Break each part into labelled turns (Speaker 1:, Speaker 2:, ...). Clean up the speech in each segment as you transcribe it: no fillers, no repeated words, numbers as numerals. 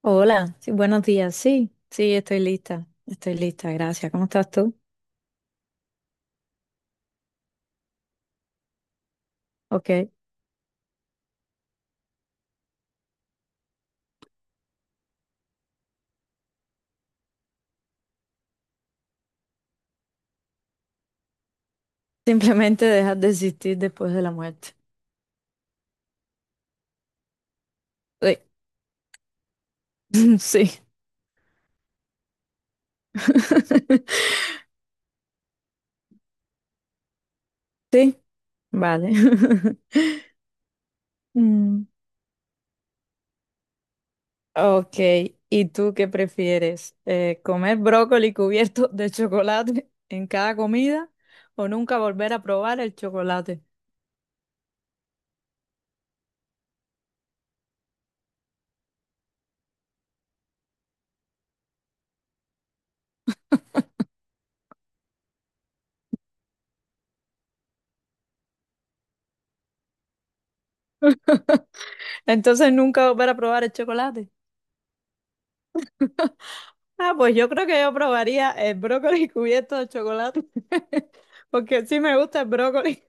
Speaker 1: Hola, sí, buenos días. Sí, sí, estoy lista. Estoy lista, gracias. ¿Cómo estás tú? Ok. Simplemente dejas de existir después de la muerte. Sí. Sí. Sí, vale. Mm. Ok, ¿y tú qué prefieres? ¿Comer brócoli cubierto de chocolate en cada comida o nunca volver a probar el chocolate? Entonces, nunca volver a probar el chocolate. Ah, pues yo creo que yo probaría el brócoli cubierto de chocolate, porque sí me gusta el brócoli.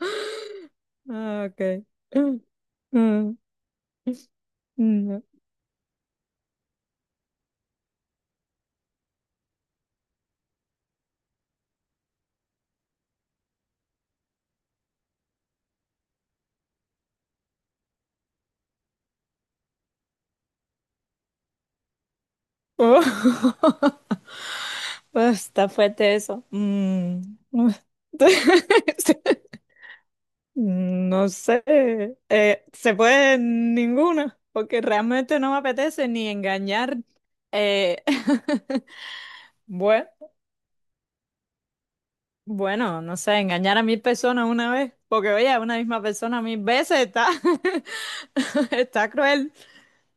Speaker 1: Ah, ok. Mm, mm. Oh. Pues, está fuerte eso. Mm. No sé. Se puede ninguna, porque realmente no me apetece ni engañar. Eh, Bueno. Bueno, no sé, engañar a 1.000 personas una vez, porque oye, a una misma persona 1.000 veces está, está cruel,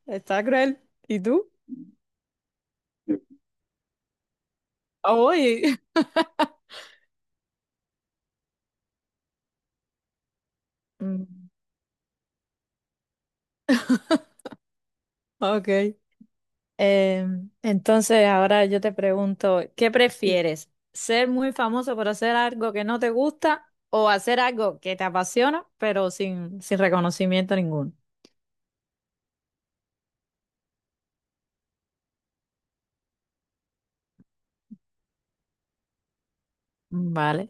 Speaker 1: está cruel. ¿Y tú? Oye. Mm. Ok. Eh, entonces, ahora yo te pregunto, ¿qué prefieres? ¿Ser muy famoso por hacer algo que no te gusta o hacer algo que te apasiona, pero sin, sin reconocimiento ninguno? Mm. Vale.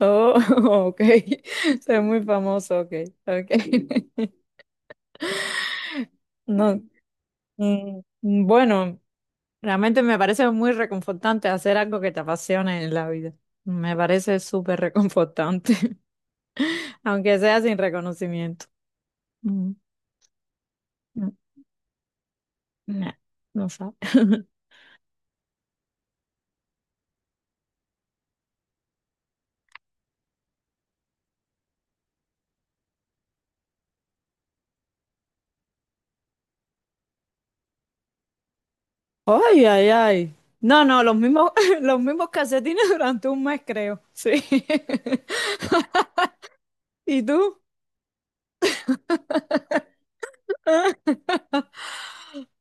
Speaker 1: Oh, ok. Ser muy famoso, ok, ok. No. Bueno, realmente me parece muy reconfortante hacer algo que te apasione en la vida. Me parece súper reconfortante, aunque sea sin reconocimiento. Mm, mm, nah, no sabe. Ay, ay, ay. No, no, los mismos, los mismos calcetines durante un mes, creo. Sí. ¿Y tú?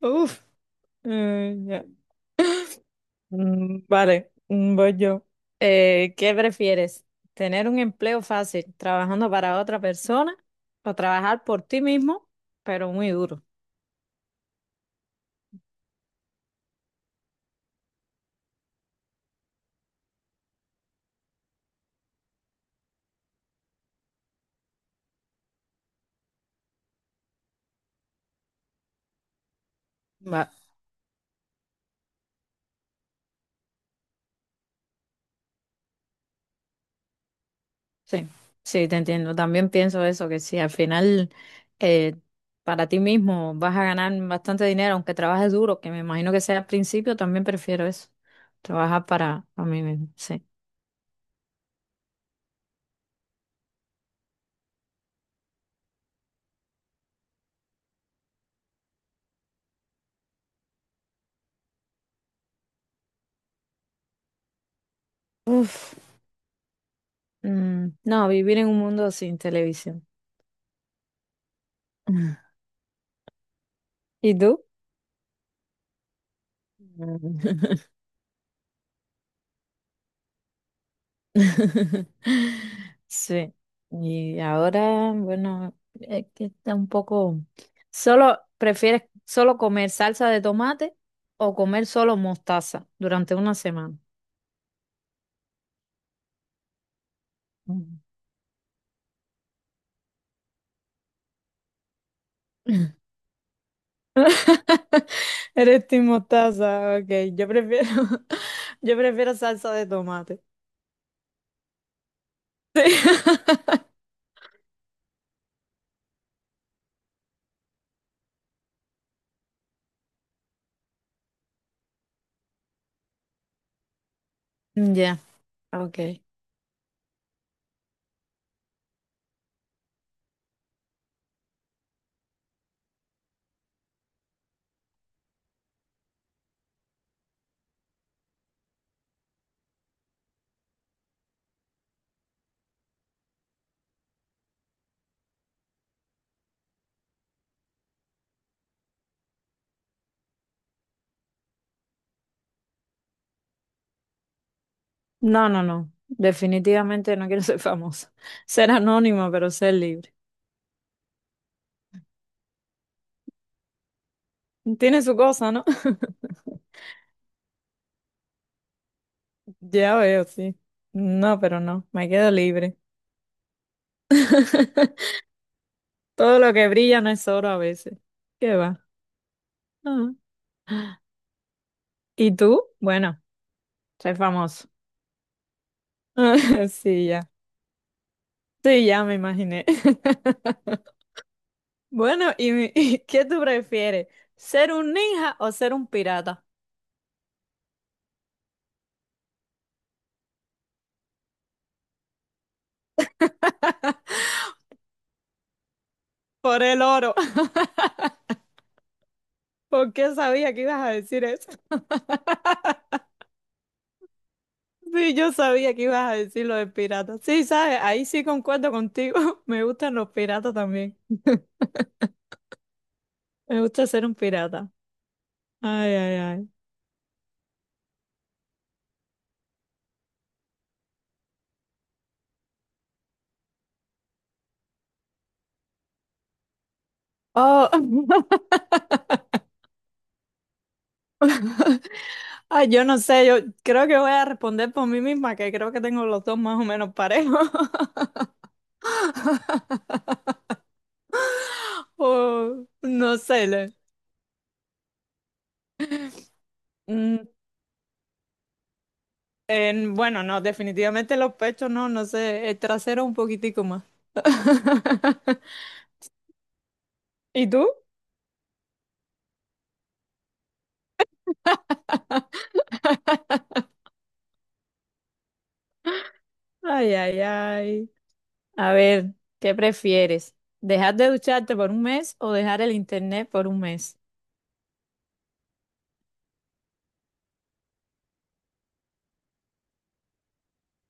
Speaker 1: Uf. Ya. Mm. Vale, voy yo. ¿Qué prefieres? ¿Tener un empleo fácil trabajando para otra persona o trabajar por ti mismo, pero muy duro? Va, sí, sí, te entiendo. También pienso eso, que si al final eh, para ti mismo vas a ganar bastante dinero, aunque trabajes duro, que me imagino que sea al principio, también prefiero eso, trabajar para, mí mismo, sí. Uf, mm, no, vivir en un mundo sin televisión. ¿Y tú? Mm. Sí, y ahora, bueno, es que está un poco. Solo, ¿prefieres solo comer salsa de tomate o comer solo mostaza durante una semana? Mm. Eres team mostaza, ok. Yo prefiero, yo prefiero salsa de tomate. Sí. Ya, ok. No, no, no. Definitivamente no quiero ser famosa. Ser anónima, pero ser libre. Tiene su cosa, ¿no? Ya veo, sí. No, pero no, me quedo libre. Todo lo que brilla no es oro a veces. ¿Qué va? Ah. ¿Y tú? Bueno, soy famoso. Sí, ya. Sí, ya me imaginé. Bueno, y qué tú prefieres? ¿Ser un ninja o ser un pirata? Por el oro. ¿Por qué sabía que ibas a decir eso? Sí, yo sabía que ibas a decir lo de piratas. Sí, sabes, ahí sí concuerdo contigo. Me gustan los piratas también. Me gusta ser un pirata. Ay, ay, ay. Oh. Ay, yo no sé, yo creo que voy a responder por mí misma, que creo que tengo los dos más o menos parejos. Oh, no sé. Mm, bueno, no, definitivamente los pechos no, no sé. El trasero un poquitico más. ¿Y tú? Ay, ay, ay. A ver, ¿qué prefieres? ¿Dejar de ducharte por un mes o dejar el internet por un mes?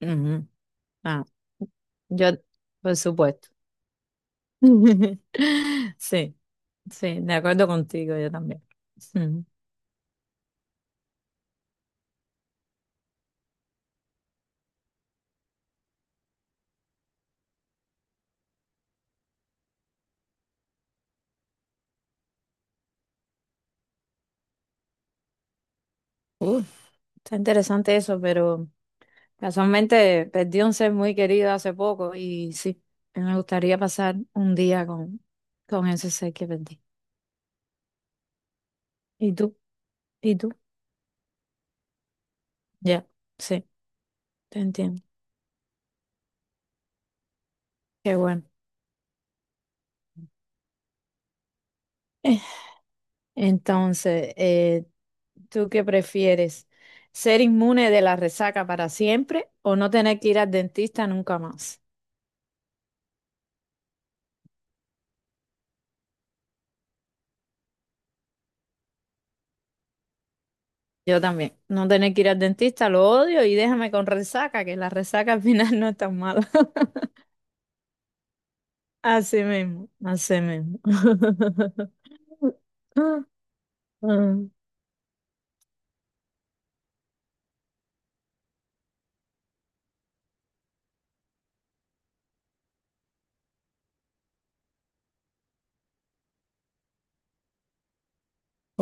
Speaker 1: Ujú. Ah, yo, por supuesto. Sí, sí, de acuerdo contigo, yo también. Ujú. Uh, Está interesante eso, pero casualmente perdí un ser muy querido hace poco y sí, me gustaría pasar un día con, ese ser que perdí. ¿Y tú? ¿Y tú? Ya, sí, te entiendo. Qué bueno. Entonces, ¿tú qué prefieres? ¿Ser inmune de la resaca para siempre o no tener que ir al dentista nunca más? Yo también, no tener que ir al dentista, lo odio y déjame con resaca, que la resaca al final no es tan mala. Así mismo, así mismo.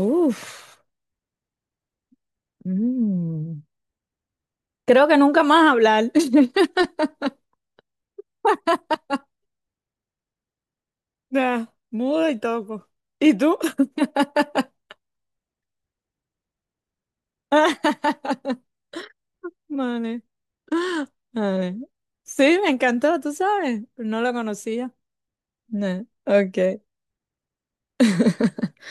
Speaker 1: Uf. Mm. Creo que nunca más hablar. Nah, muda y toco. ¿Y tú? Vale. Ay, sí, me encantó, tú sabes. No lo conocía. No, ok.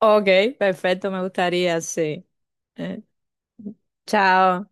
Speaker 1: Ok, perfecto, me gustaría, sí. Eh, chao.